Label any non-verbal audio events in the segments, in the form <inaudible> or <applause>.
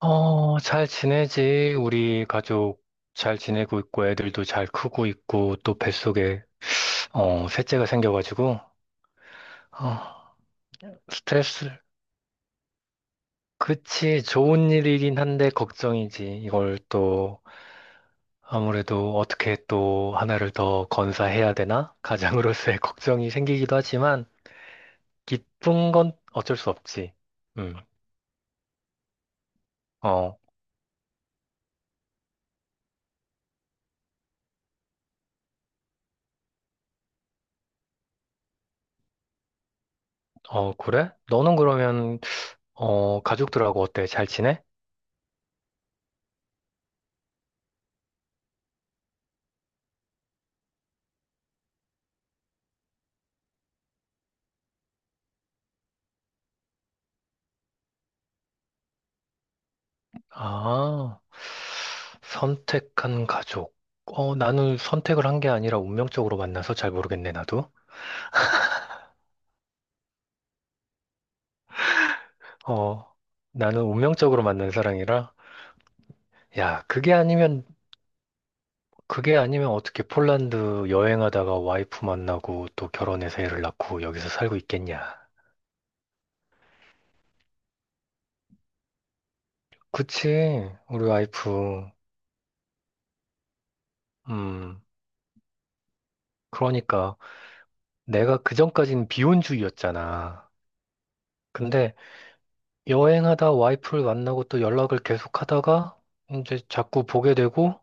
잘 지내지. 우리 가족 잘 지내고 있고, 애들도 잘 크고 있고, 또 뱃속에, 셋째가 생겨가지고, 어, 스트레스. 그치, 좋은 일이긴 한데, 걱정이지. 이걸 또, 아무래도 어떻게 또 하나를 더 건사해야 되나? 가장으로서의 <laughs> 걱정이 생기기도 하지만, 기쁜 건 어쩔 수 없지. 음, 어, 그래? 너는 그러면, 가족들하고 어때? 잘 지내? 아, 선택한 가족. 나는 선택을 한 게 아니라 운명적으로 만나서 잘 모르겠네, 나도. 어, 나는 운명적으로 만난 사람이라, 야, 그게 아니면 어떻게 폴란드 여행하다가 와이프 만나고 또 결혼해서 애를 낳고 여기서 살고 있겠냐. 그치, 우리 와이프. 음, 그러니까 내가 그전까진 비혼주의였잖아. 근데 여행하다 와이프를 만나고 또 연락을 계속 하다가 이제 자꾸 보게 되고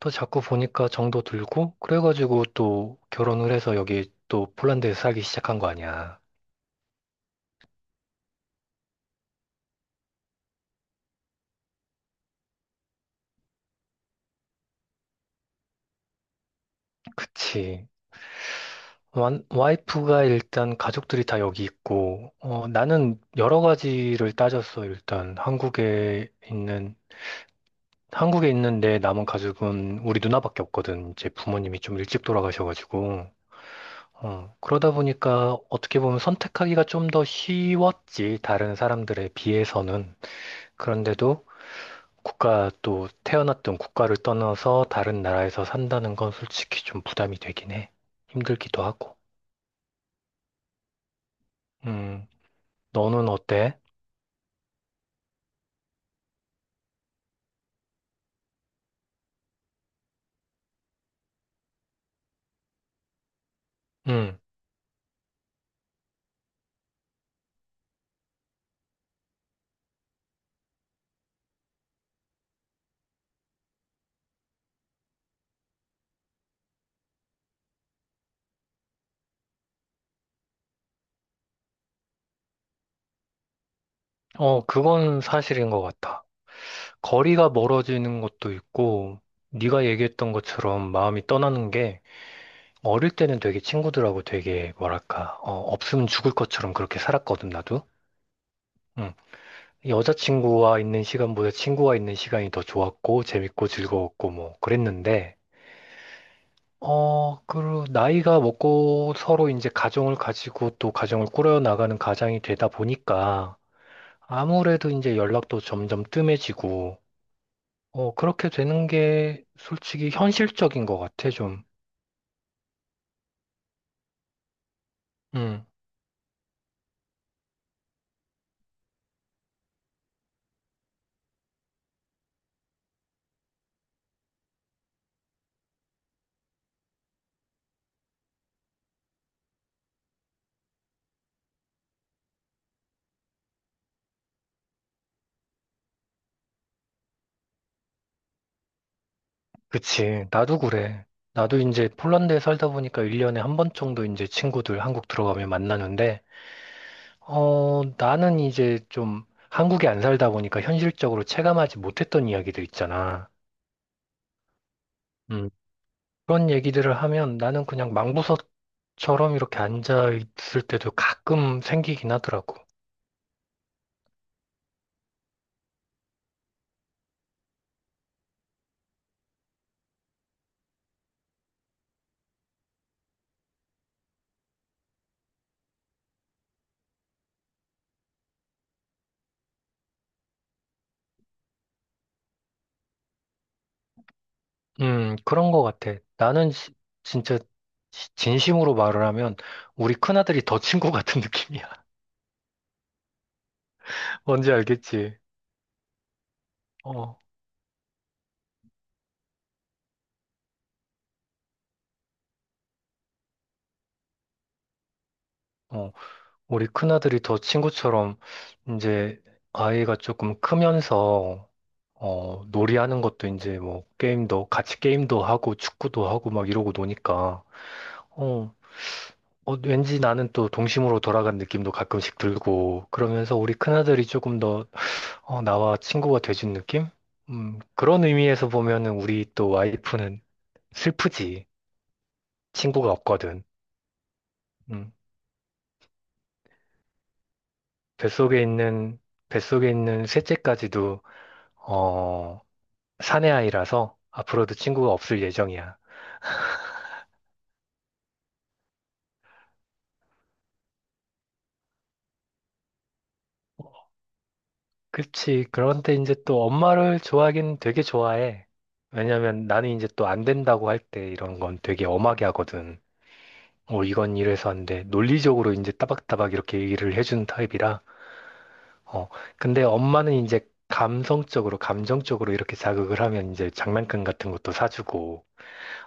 또 자꾸 보니까 정도 들고 그래가지고 또 결혼을 해서 여기 또 폴란드에서 살기 시작한 거 아니야. 그치. 와이프가 일단 가족들이 다 여기 있고 나는 여러 가지를 따졌어. 일단 한국에 있는 내 남은 가족은 우리 누나밖에 없거든. 이제 부모님이 좀 일찍 돌아가셔가지고. 그러다 보니까 어떻게 보면 선택하기가 좀 더 쉬웠지, 다른 사람들에 비해서는. 그런데도 국가 또 태어났던 국가를 떠나서 다른 나라에서 산다는 건 솔직히 좀 부담이 되긴 해. 힘들기도 하고. 음, 너는 어때? 음, 그건 사실인 것 같아. 거리가 멀어지는 것도 있고, 네가 얘기했던 것처럼 마음이 떠나는 게 어릴 때는 되게 친구들하고 되게 뭐랄까, 없으면 죽을 것처럼 그렇게 살았거든, 나도. 음, 여자친구와 있는 시간보다 친구와 있는 시간이 더 좋았고, 재밌고, 즐거웠고, 뭐, 그랬는데, 나이가 먹고 서로 이제 가정을 가지고 또 가정을 꾸려 나가는 가장이 되다 보니까, 아무래도 이제 연락도 점점 뜸해지고, 그렇게 되는 게 솔직히 현실적인 것 같아, 좀. 음. 그치. 나도 그래. 나도 이제 폴란드에 살다 보니까 1년에 한 번 정도 이제 친구들 한국 들어가면 만나는데, 나는 이제 좀 한국에 안 살다 보니까 현실적으로 체감하지 못했던 이야기들 있잖아. 음, 그런 얘기들을 하면 나는 그냥 망부서처럼 이렇게 앉아 있을 때도 가끔 생기긴 하더라고. 그런 거 같아. 나는 진짜 진심으로 말을 하면 우리 큰아들이 더 친구 같은 <laughs> 느낌이야. 뭔지 알겠지? 어, 어. 우리 큰아들이 더 친구처럼 이제 아이가 조금 크면서 놀이하는 것도 이제 뭐 게임도 하고 축구도 하고 막 이러고 노니까 어, 왠지 나는 또 동심으로 돌아간 느낌도 가끔씩 들고 그러면서 우리 큰아들이 조금 더 나와 친구가 돼준 느낌? 그런 의미에서 보면은 우리 또 와이프는 슬프지. 친구가 없거든. 음, 뱃속에 있는 뱃속에 있는 셋째까지도 어, 사내 아이라서 앞으로도 친구가 없을 예정이야. 그치. 그런데 이제 또 엄마를 좋아하긴 되게 좋아해. 왜냐면 나는 이제 또 안 된다고 할 때 이런 건 되게 엄하게 하거든. 이건 이래서 안 돼. 논리적으로 이제 따박따박 이렇게 얘기를 해주는 타입이라. 어, 근데 엄마는 이제 감성적으로, 감정적으로 이렇게 자극을 하면 이제 장난감 같은 것도 사주고,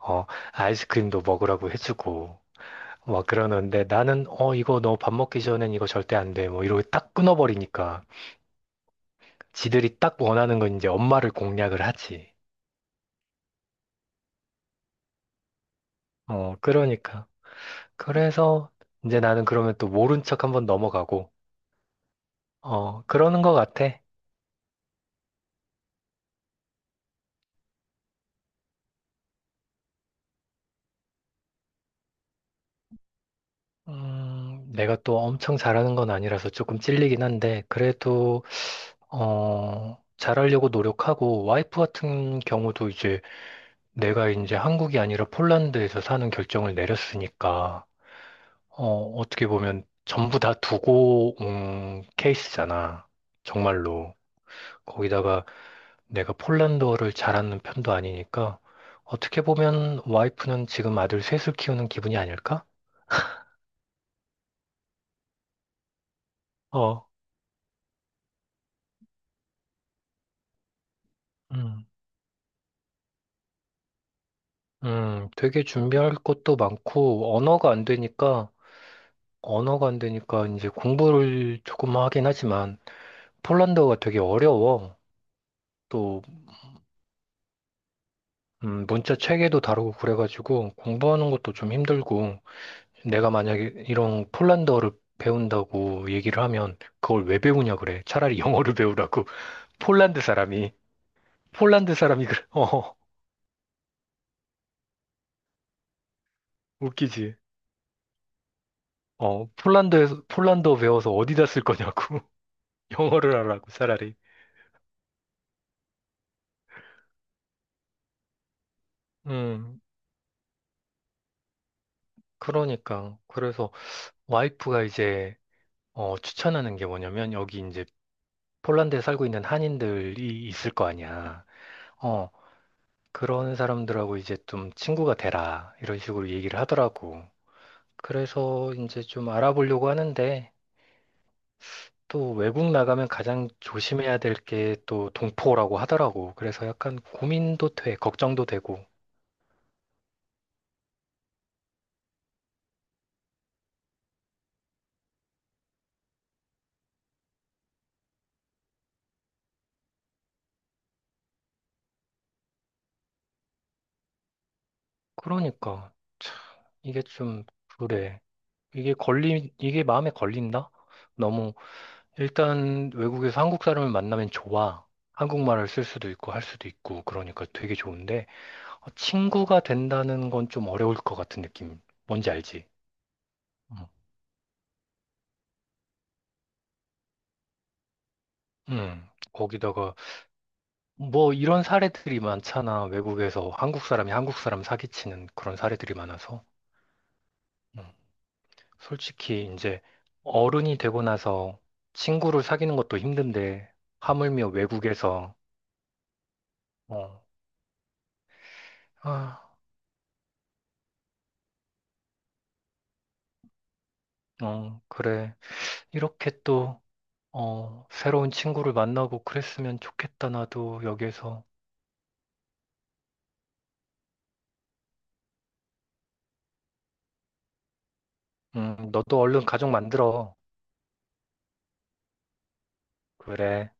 어, 아이스크림도 먹으라고 해주고, 막 그러는데 나는, 이거 너 밥 먹기 전엔 이거 절대 안 돼. 뭐 이러고 딱 끊어버리니까. 지들이 딱 원하는 건 이제 엄마를 공략을 하지. 그러니까. 그래서 이제 나는 그러면 또 모른 척 한번 넘어가고, 그러는 것 같아. 내가 또 엄청 잘하는 건 아니라서 조금 찔리긴 한데, 그래도, 잘하려고 노력하고, 와이프 같은 경우도 이제 내가 이제 한국이 아니라 폴란드에서 사는 결정을 내렸으니까, 어, 어떻게 보면 전부 다 두고 온 케이스잖아. 정말로. 거기다가 내가 폴란드어를 잘하는 편도 아니니까 어떻게 보면 와이프는 지금 아들 셋을 키우는 기분이 아닐까? 어, 음, 되게 준비할 것도 많고 언어가 안 되니까 이제 공부를 조금 하긴 하지만 폴란드어가 되게 어려워. 또 문자 체계도 다르고 그래가지고 공부하는 것도 좀 힘들고 내가 만약에 이런 폴란드어를 배운다고 얘기를 하면 그걸 왜 배우냐 그래. 차라리 영어를 배우라고 <laughs> 폴란드 사람이. 폴란드 사람이 그래. <laughs> 웃기지. 폴란드에서, 폴란드어 배워서 어디다 쓸 거냐고. <laughs> 영어를 하라고, 차라리. 음, 그러니까. 그래서 와이프가 이제, 추천하는 게 뭐냐면, 여기 이제 폴란드에 살고 있는 한인들이 있을 거 아니야. 어, 그런 사람들하고 이제 좀 친구가 되라. 이런 식으로 얘기를 하더라고. 그래서 이제 좀 알아보려고 하는데, 또 외국 나가면 가장 조심해야 될 게 또 동포라고 하더라고. 그래서 약간 고민도 돼, 걱정도 되고. 그러니까 참 이게 좀 그래. 이게 마음에 걸린다? 너무 일단 외국에서 한국 사람을 만나면 좋아. 한국말을 쓸 수도 있고 할 수도 있고 그러니까 되게 좋은데 친구가 된다는 건 좀 어려울 것 같은 느낌. 뭔지 알지? 응. 응. 거기다가 뭐 이런 사례들이 많잖아. 외국에서 한국 사람이 한국 사람 사기치는 그런 사례들이 많아서. 음. 솔직히 이제 어른이 되고 나서 친구를 사귀는 것도 힘든데 하물며 외국에서 어, 아, 그래. 이렇게 또 새로운 친구를 만나고 그랬으면 좋겠다. 나도 여기에서. 너도 얼른 가족 만들어. 그래.